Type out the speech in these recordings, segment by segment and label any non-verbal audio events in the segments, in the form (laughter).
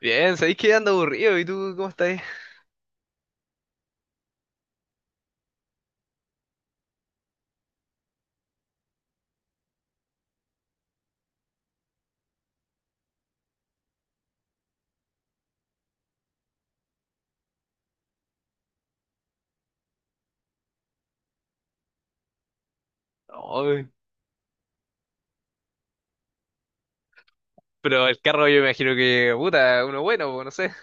Bien, ¿sabéis que ando aburrido? ¿Y tú cómo estás? Ay, pero el carro yo me imagino que, puta, uno bueno, pues, no sé.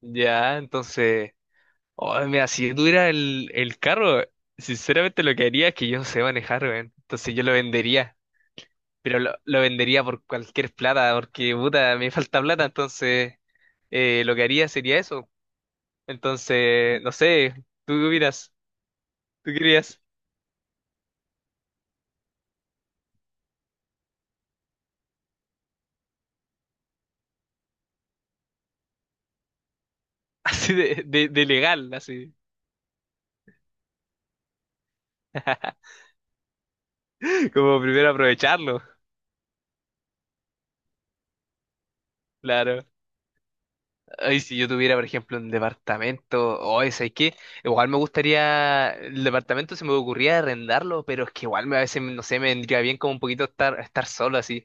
Ya, entonces. Ay, mira, si yo tuviera el carro, sinceramente lo que haría es que yo no sé manejar, weón. Entonces yo lo vendería. Pero lo vendería por cualquier plata, porque, puta, me falta plata, entonces lo que haría sería eso. Entonces, no sé, tú qué opinas, tú querías. (laughs) Así de legal, así, como primero aprovecharlo, claro. Ay, si yo tuviera, por ejemplo, un departamento, o ese, ¿sabes qué? Igual me gustaría, el departamento se me ocurría arrendarlo, pero es que igual me, a veces, no sé, me vendría bien como un poquito estar solo así,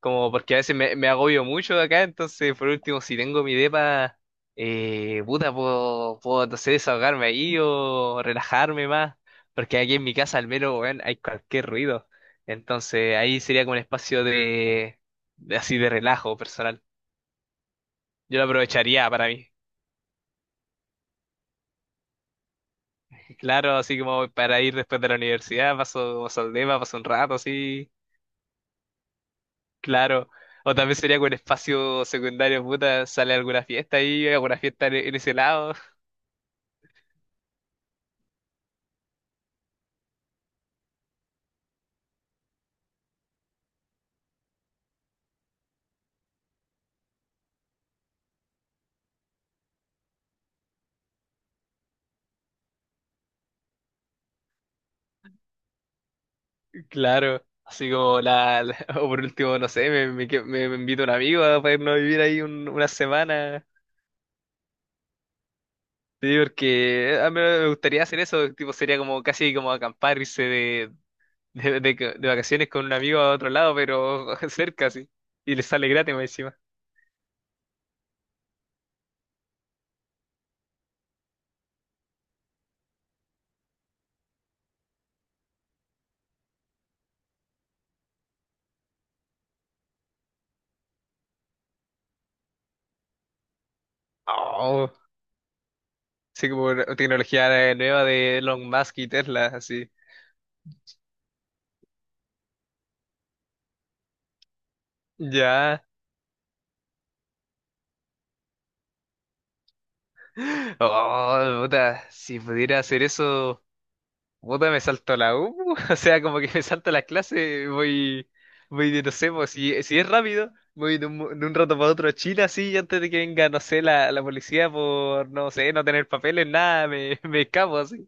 como porque a veces me agobio mucho acá, entonces por último, si tengo mi depa, puta, puedo, no sé, desahogarme ahí o relajarme más, porque aquí en mi casa al menos, weón, hay cualquier ruido, entonces ahí sería como un espacio de, así de relajo personal, yo lo aprovecharía para mí. Claro, así como para ir después de la universidad, paso como Saldema, paso un rato, así, claro. O también sería con espacio secundario, puta, sale alguna fiesta ahí, alguna fiesta en ese lado. (laughs) Claro. Así como la, (laughs) o por último, no sé, me invita un amigo a para irnos a vivir ahí una semana. Sí, porque a mí me gustaría hacer eso, tipo, sería como casi como acampar, irse de, (laughs) de, de, de vacaciones con un amigo a otro lado, pero (laughs) cerca, sí. Y le sale gratis más encima. Oh. Sí, como una tecnología nueva de Elon Musk y Tesla, así. Ya. Oh, puta, si pudiera hacer eso, puta, me salto a la U. (laughs) O sea, como que me salto la clase, voy de, no sé, pues, si es rápido, voy de un, de un rato para otro a China, así, y antes de que venga, no sé, la policía por, no sé, no tener papeles, nada, me, (laughs) me escapo así.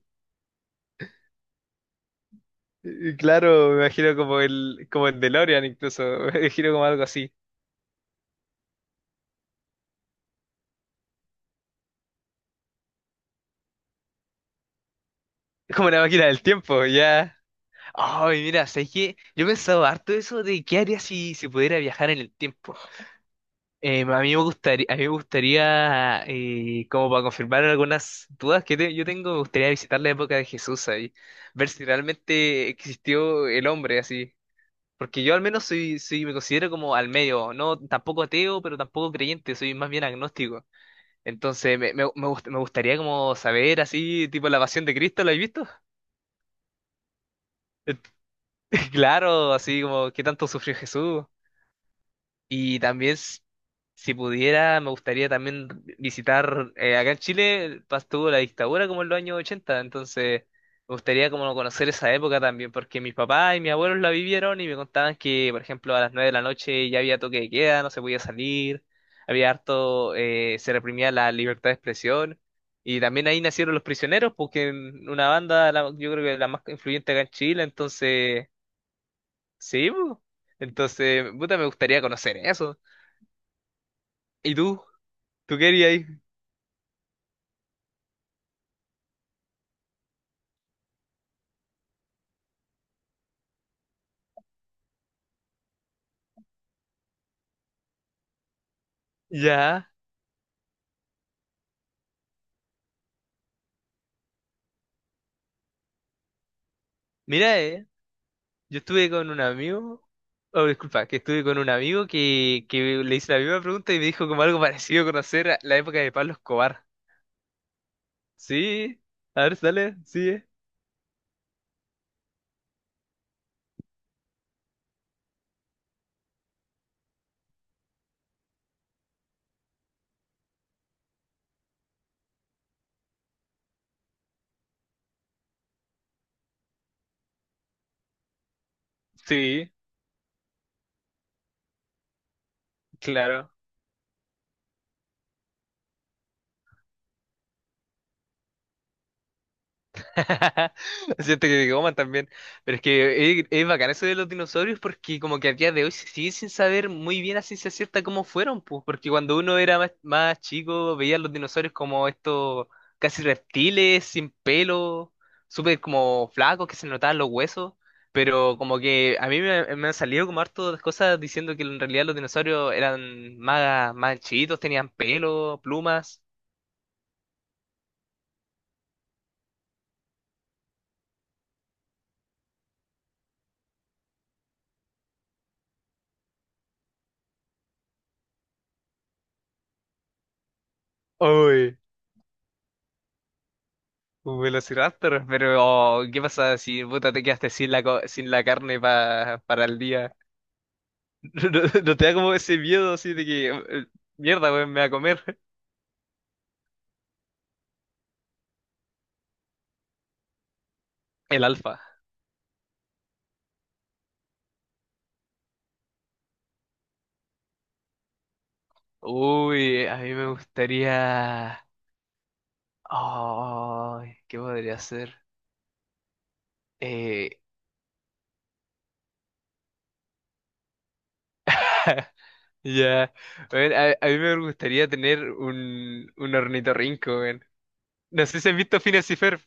Y claro, me imagino como el DeLorean incluso. (laughs) Me imagino como algo así. Es como una máquina del tiempo, ya. Ay, mira, ¿sabes que yo he pensado harto eso de qué haría si se pudiera viajar en el tiempo? A mí me gustaría, como para confirmar algunas dudas que yo tengo, me gustaría visitar la época de Jesús ahí, ver si realmente existió el hombre así. Porque yo al menos soy, me considero como al medio, no tampoco ateo, pero tampoco creyente, soy más bien agnóstico. Entonces me gustaría como saber así, tipo la pasión de Cristo, ¿lo has visto? (laughs) Claro, así como qué tanto sufrió Jesús. Y también, si pudiera, me gustaría también visitar, acá en Chile tuvo la dictadura como en los años 80, entonces me gustaría como conocer esa época también, porque mis papás y mis abuelos la vivieron y me contaban que, por ejemplo, a las 9 de la noche ya había toque de queda, no se podía salir, había harto, se reprimía la libertad de expresión. Y también ahí nacieron Los Prisioneros, porque en una banda, yo creo que la más influyente acá en Chile, entonces, sí, po. Entonces, puta, me gustaría conocer eso. ¿Y tú? ¿Tú querías? Ya. Mira, yo estuve con un amigo, oh, disculpa, que estuve con un amigo que, le hice la misma pregunta y me dijo como algo parecido a conocer a la época de Pablo Escobar. Sí, a ver, dale, sí, sí, claro. (laughs) Siento que te coman también. Pero es que es bacán eso de los dinosaurios, porque como que a día de hoy se sigue sin saber muy bien a ciencia cierta cómo fueron, pues, porque cuando uno era más chico veía los dinosaurios como estos casi reptiles, sin pelo, súper como flacos que se notaban los huesos. Pero como que a mí me han salido como harto de cosas diciendo que en realidad los dinosaurios eran más chiquitos, tenían pelo, plumas. Un velociraptor, pero oh, ¿qué pasa si puta te quedaste sin sin la carne para el día? (laughs) ¿No te da como ese miedo así de que mierda, weón, me va a comer el alfa? Uy, a mí me gustaría. Oh, ¿qué podría ser? Eh, (laughs) ya, weón, a mí me gustaría tener un, ornitorrinco, weón. No sé si has visto Phineas y Ferb.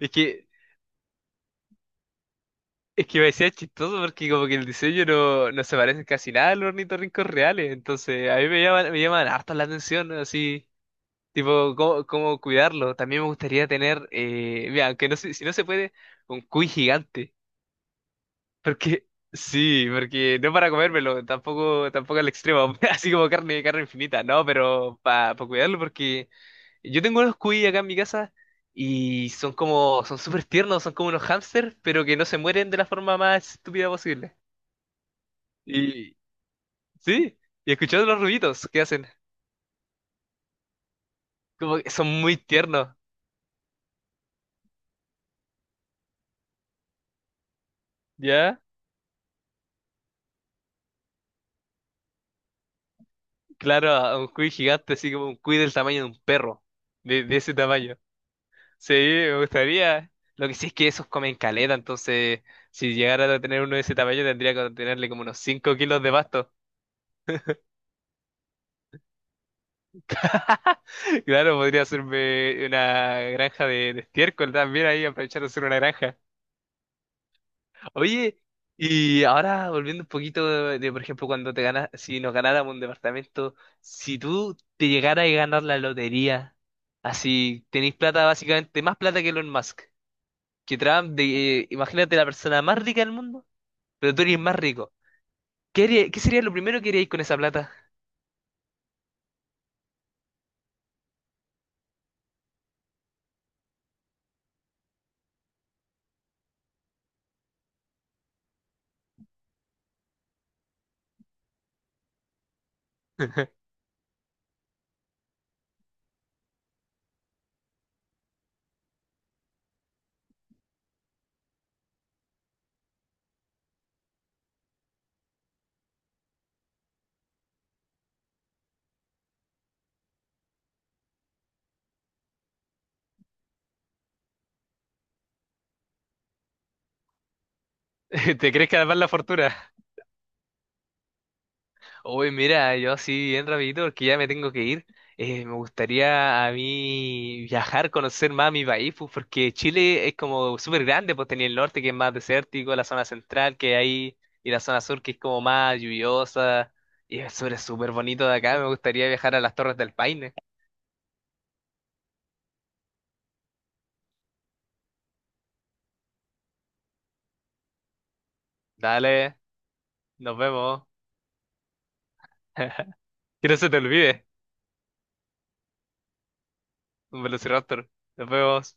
Es que Es que me decía chistoso porque como que el diseño no se parece casi nada a los ornitorrincos reales, entonces a mí me llaman harto la atención, ¿no? Así, tipo, cómo, cómo cuidarlo. También me gustaría tener, mira, aunque no, si no se puede, un cuy gigante. Porque, sí, porque no para comérmelo, tampoco, tampoco al extremo, (laughs) así como carne, carne infinita, no, pero para cuidarlo, porque yo tengo unos cuy acá en mi casa y son son súper tiernos, son como unos hámsters, pero que no se mueren de la forma más estúpida posible. Y, sí, y escuchando los ruiditos que hacen, como que son muy tiernos, ¿ya? Claro, a un cuy gigante, así como un cuy del tamaño de un perro, de ese tamaño. Sí, me gustaría. Lo que sí es que esos comen caleta, entonces si llegara a tener uno de ese tamaño tendría que tenerle como unos 5 kilos de pasto. (laughs) Claro, podría hacerme una granja de estiércol también ahí, aprovechar de hacer una granja. Oye, y ahora volviendo un poquito de, por ejemplo, cuando te ganas, si nos ganáramos un departamento, si tú te llegaras a ganar la lotería, así tenéis plata básicamente, más plata que Elon Musk, que Trump, de, imagínate la persona más rica del mundo, pero tú eres más rico. ¿Qué sería lo primero que haríais con esa plata? (laughs) ¿Te crees que además la fortuna? Uy, mira, yo así bien rapidito porque ya me tengo que ir. Me gustaría a mí viajar, conocer más mi país, pues, porque Chile es como súper grande, pues tenía el norte que es más desértico, la zona central que hay, y la zona sur que es como más lluviosa, y es súper, súper bonito de acá. Me gustaría viajar a las Torres del Paine. Dale, nos vemos. (laughs) Que no se te olvide, un Velociraptor. Nos vemos.